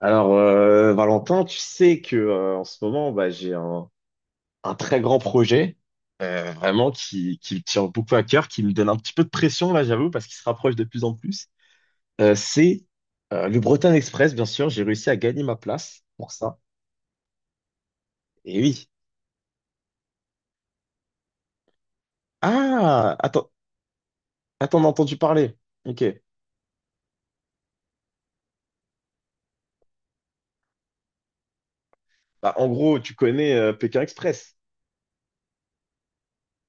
Alors, Valentin, tu sais que en ce moment, bah, j'ai un très grand projet, vraiment qui me tient beaucoup à cœur, qui me donne un petit peu de pression là, j'avoue, parce qu'il se rapproche de plus en plus. C'est le Bretagne Express, bien sûr. J'ai réussi à gagner ma place pour ça. Et oui. Ah, attends, attends, on a entendu parler. Ok. Bah, en gros, tu connais Pékin Express.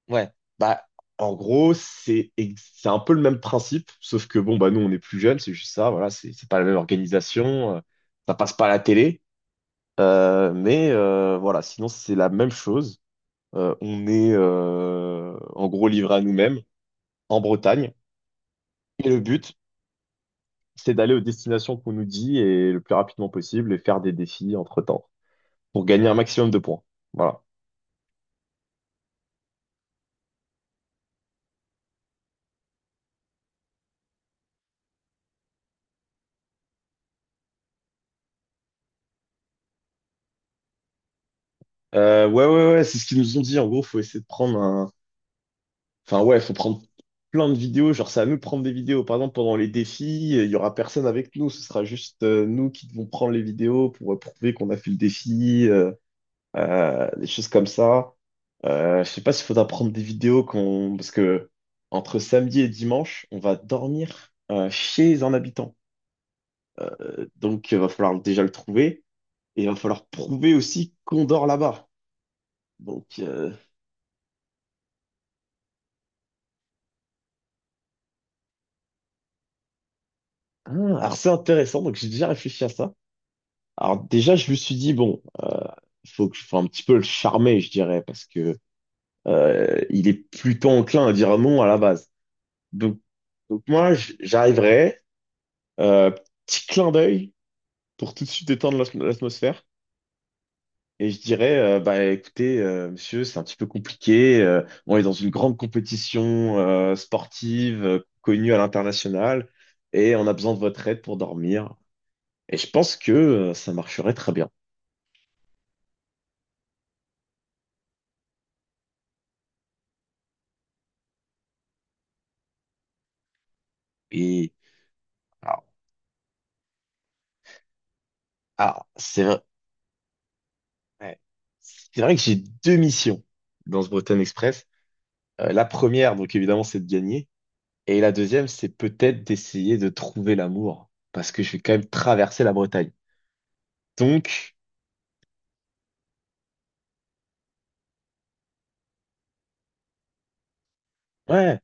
Ouais. Bah, en gros, c'est un peu le même principe, sauf que bon, bah nous, on est plus jeunes, c'est juste ça, voilà, c'est pas la même organisation, ça passe pas à la télé, mais voilà, sinon c'est la même chose. On est en gros livré à nous-mêmes en Bretagne, et le but, c'est d'aller aux destinations qu'on nous dit et le plus rapidement possible et faire des défis entre-temps pour gagner un maximum de points. Voilà. Ouais, ouais, ouais, c'est ce qu'ils nous ont dit. En gros, faut essayer de prendre Enfin, ouais, faut prendre plein de vidéos. Genre, c'est à nous de prendre des vidéos. Par exemple, pendant les défis, il y aura personne avec nous. Ce sera juste nous qui devons prendre les vidéos pour prouver qu'on a fait le défi, des choses comme ça. Je sais pas s'il faudra prendre des vidéos parce que entre samedi et dimanche, on va dormir chez un habitant. Donc, il va falloir déjà le trouver et il va falloir prouver aussi qu'on dort là-bas. Donc, ah, alors c'est intéressant. Donc, j'ai déjà réfléchi à ça. Alors déjà, je me suis dit, bon, faut que je fasse un petit peu le charmer, je dirais, parce que il est plutôt enclin à dire non à la base. Donc, donc moi, j'arriverai, euh, petit clin d'œil pour tout de suite détendre l'atmosphère. Et je dirais, bah écoutez, monsieur, c'est un petit peu compliqué. On est dans une grande compétition sportive connue à l'international et on a besoin de votre aide pour dormir. Et je pense que ça marcherait très bien. Et alors, ah, c'est, ouais. C'est vrai que j'ai deux missions dans ce Bretagne Express. La première, donc évidemment, c'est de gagner. Et la deuxième, c'est peut-être d'essayer de trouver l'amour. Parce que je vais quand même traverser la Bretagne. Donc, ouais,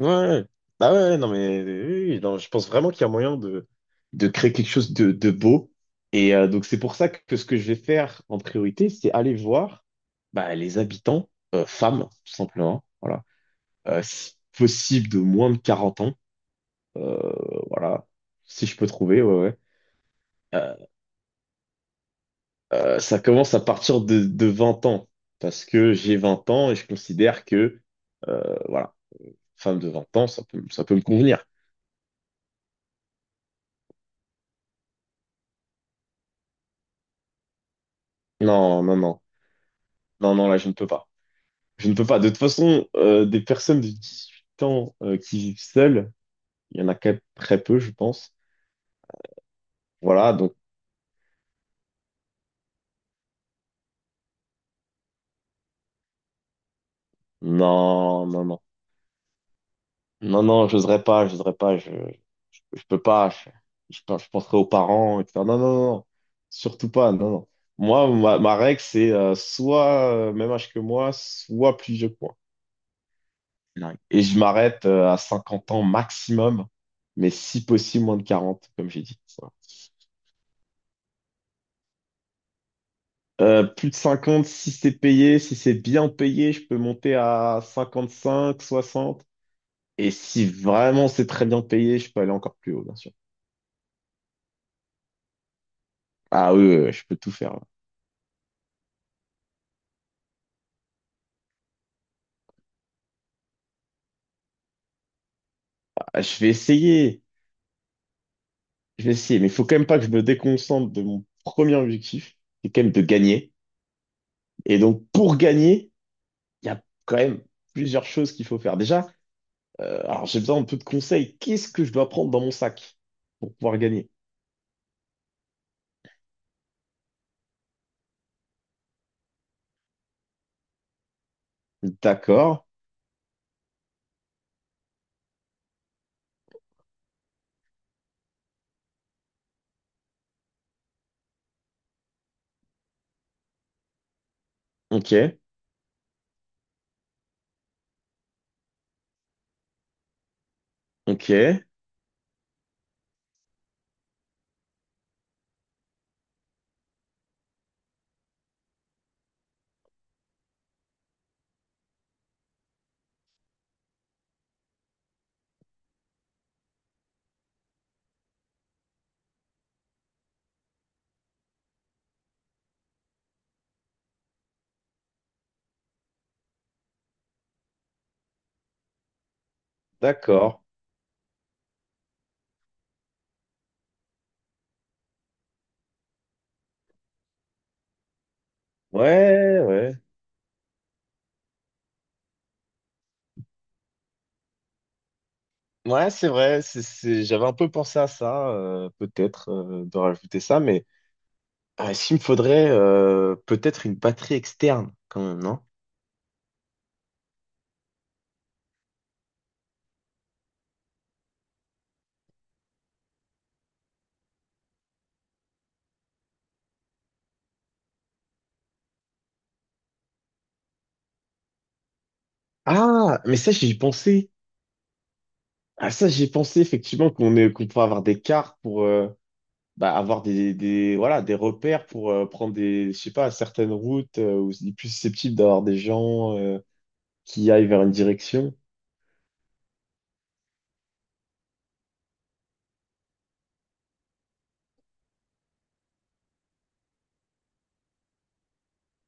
ouais, bah ouais, non mais oui, oui, non, je pense vraiment qu'il y a moyen de créer quelque chose de beau. Et donc, c'est pour ça que ce que je vais faire en priorité, c'est aller voir bah, les habitants, femmes, tout simplement, voilà. Si possible de moins de 40 ans. Euh, voilà, si je peux trouver, ouais, ouais. Euh, ça commence à partir de 20 ans, parce que j'ai 20 ans et je considère que, voilà, femme de 20 ans, ça peut me convenir. Non, non, non, non, non, là, je ne peux pas. Je ne peux pas. De toute façon, des personnes de 18 ans qui vivent seules, il y en a quand même très peu, je pense. Voilà, donc, non, non, non. Non, non, j'oserais pas, je peux pas, je penserai aux parents, etc. Non, non, non, non. Surtout pas, non, non. Moi, ma règle, c'est soit même âge que moi, soit plus vieux que moi. Ouais. Et je m'arrête à 50 ans maximum, mais si possible moins de 40, comme j'ai dit. Ça. Plus de 50, si c'est payé, si c'est bien payé, je peux monter à 55, 60. Et si vraiment c'est très bien payé, je peux aller encore plus haut, bien sûr. Ah oui, oui, oui, je peux tout faire. Ah, je vais essayer. Je vais essayer, mais il faut quand même pas que je me déconcentre de mon premier objectif, qui est quand même de gagner. Et donc, pour gagner, il y a quand même plusieurs choses qu'il faut faire. Déjà, alors j'ai besoin un peu de conseils. Qu'est-ce que je dois prendre dans mon sac pour pouvoir gagner? D'accord, ok, ok, d'accord. Ouais, ouais. Ouais, c'est vrai, j'avais un peu pensé à ça, peut-être, de rajouter ça, mais ah, est-ce qu'il me faudrait peut-être une batterie externe, quand même, non? Ah, mais ça, j'y ai pensé. Ah ça, j'ai pensé effectivement qu'on pourrait avoir des cartes pour bah, avoir voilà, des repères pour prendre des, je sais pas, certaines routes où il est plus susceptible d'avoir des gens qui aillent vers une direction.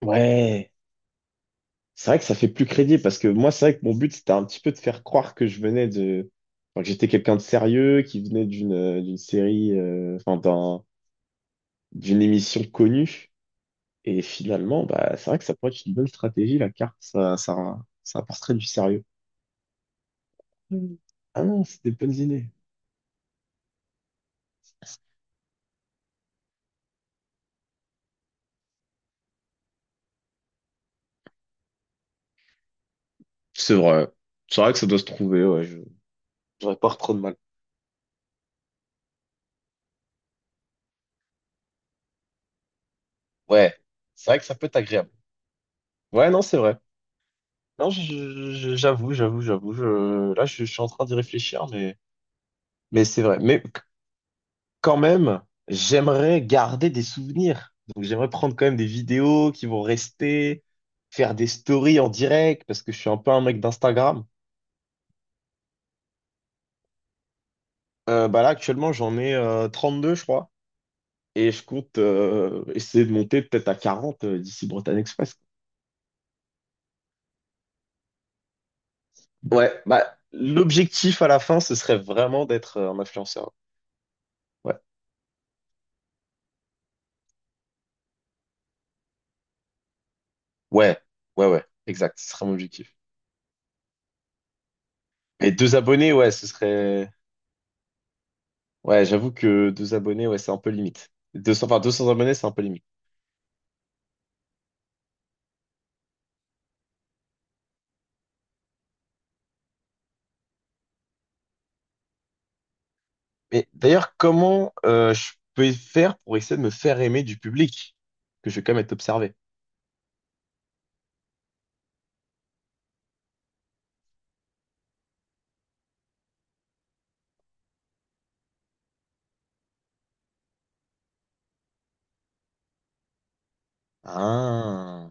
Ouais, c'est vrai que ça fait plus crédible parce que moi, c'est vrai que mon but, c'était un petit peu de faire croire que je venais enfin, que j'étais quelqu'un de sérieux, qui venait d'une série, enfin, d'une émission connue. Et finalement, bah, c'est vrai que ça pourrait être une bonne stratégie, la carte, ça apporterait du sérieux. Hmm. Ah non, c'est des bonnes idées. C'est vrai. C'est vrai que ça doit se trouver, ouais. Je J'aurais pas trop de mal. Ouais. C'est vrai que ça peut être agréable. Ouais, non, c'est vrai. Non, j'avoue, j'avoue, j'avoue. Là, je suis en train d'y réfléchir, mais, c'est vrai. Mais quand même, j'aimerais garder des souvenirs. Donc, j'aimerais prendre quand même des vidéos qui vont rester, faire des stories en direct, parce que je suis un peu un mec d'Instagram. Bah là, actuellement, j'en ai deux je crois. Et je compte essayer de monter peut-être à 40 d'ici Bretagne Express. Ouais, bah l'objectif à la fin, ce serait vraiment d'être un influenceur. Ouais, ouais, ouais, ouais, exact, ce serait mon objectif. Et deux abonnés, ouais, ce serait. Ouais, j'avoue que deux abonnés, ouais, c'est un peu limite. 200, enfin, 200 abonnés, c'est un peu limite. Mais d'ailleurs, comment je peux faire pour essayer de me faire aimer du public? Que je vais quand même être observé. Ah.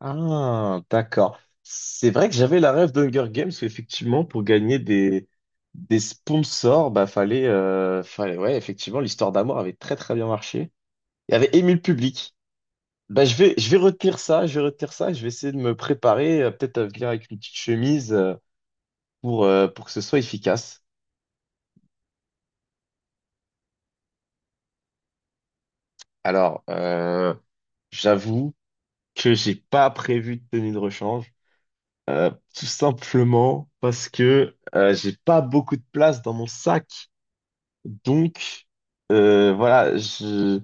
Ah, d'accord. C'est vrai que j'avais la rêve d'Hunger Games, où effectivement, pour gagner des sponsors, bah, fallait, ouais, effectivement, l'histoire d'amour avait très, très bien marché et avait ému le public. Bah, je vais retenir ça, je vais retenir ça, je vais essayer de me préparer, peut-être à venir avec une petite chemise, pour que ce soit efficace. Alors, j'avoue que j'ai pas prévu de tenue de rechange, tout simplement parce que, j'ai pas beaucoup de place dans mon sac. Donc, voilà, je,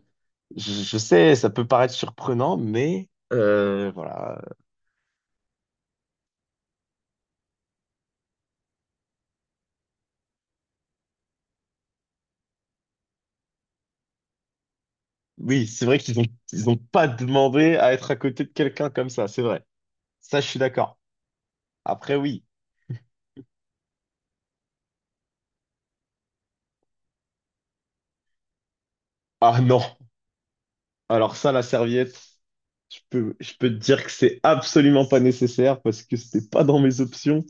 je, je sais, ça peut paraître surprenant, mais voilà. Oui, c'est vrai ils ont pas demandé à être à côté de quelqu'un comme ça, c'est vrai. Ça, je suis d'accord. Après, oui. Ah non. Alors ça, la serviette, je peux te dire que c'est absolument pas nécessaire parce que c'était pas dans mes options.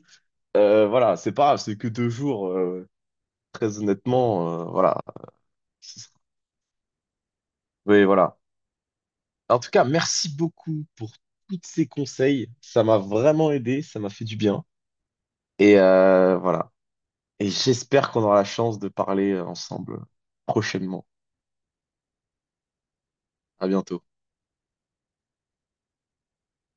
Voilà, c'est pas grave, c'est que 2 jours. Très honnêtement, voilà. Oui, voilà. En tout cas, merci beaucoup pour tous ces conseils. Ça m'a vraiment aidé, ça m'a fait du bien. Et voilà. Et j'espère qu'on aura la chance de parler ensemble prochainement. À bientôt.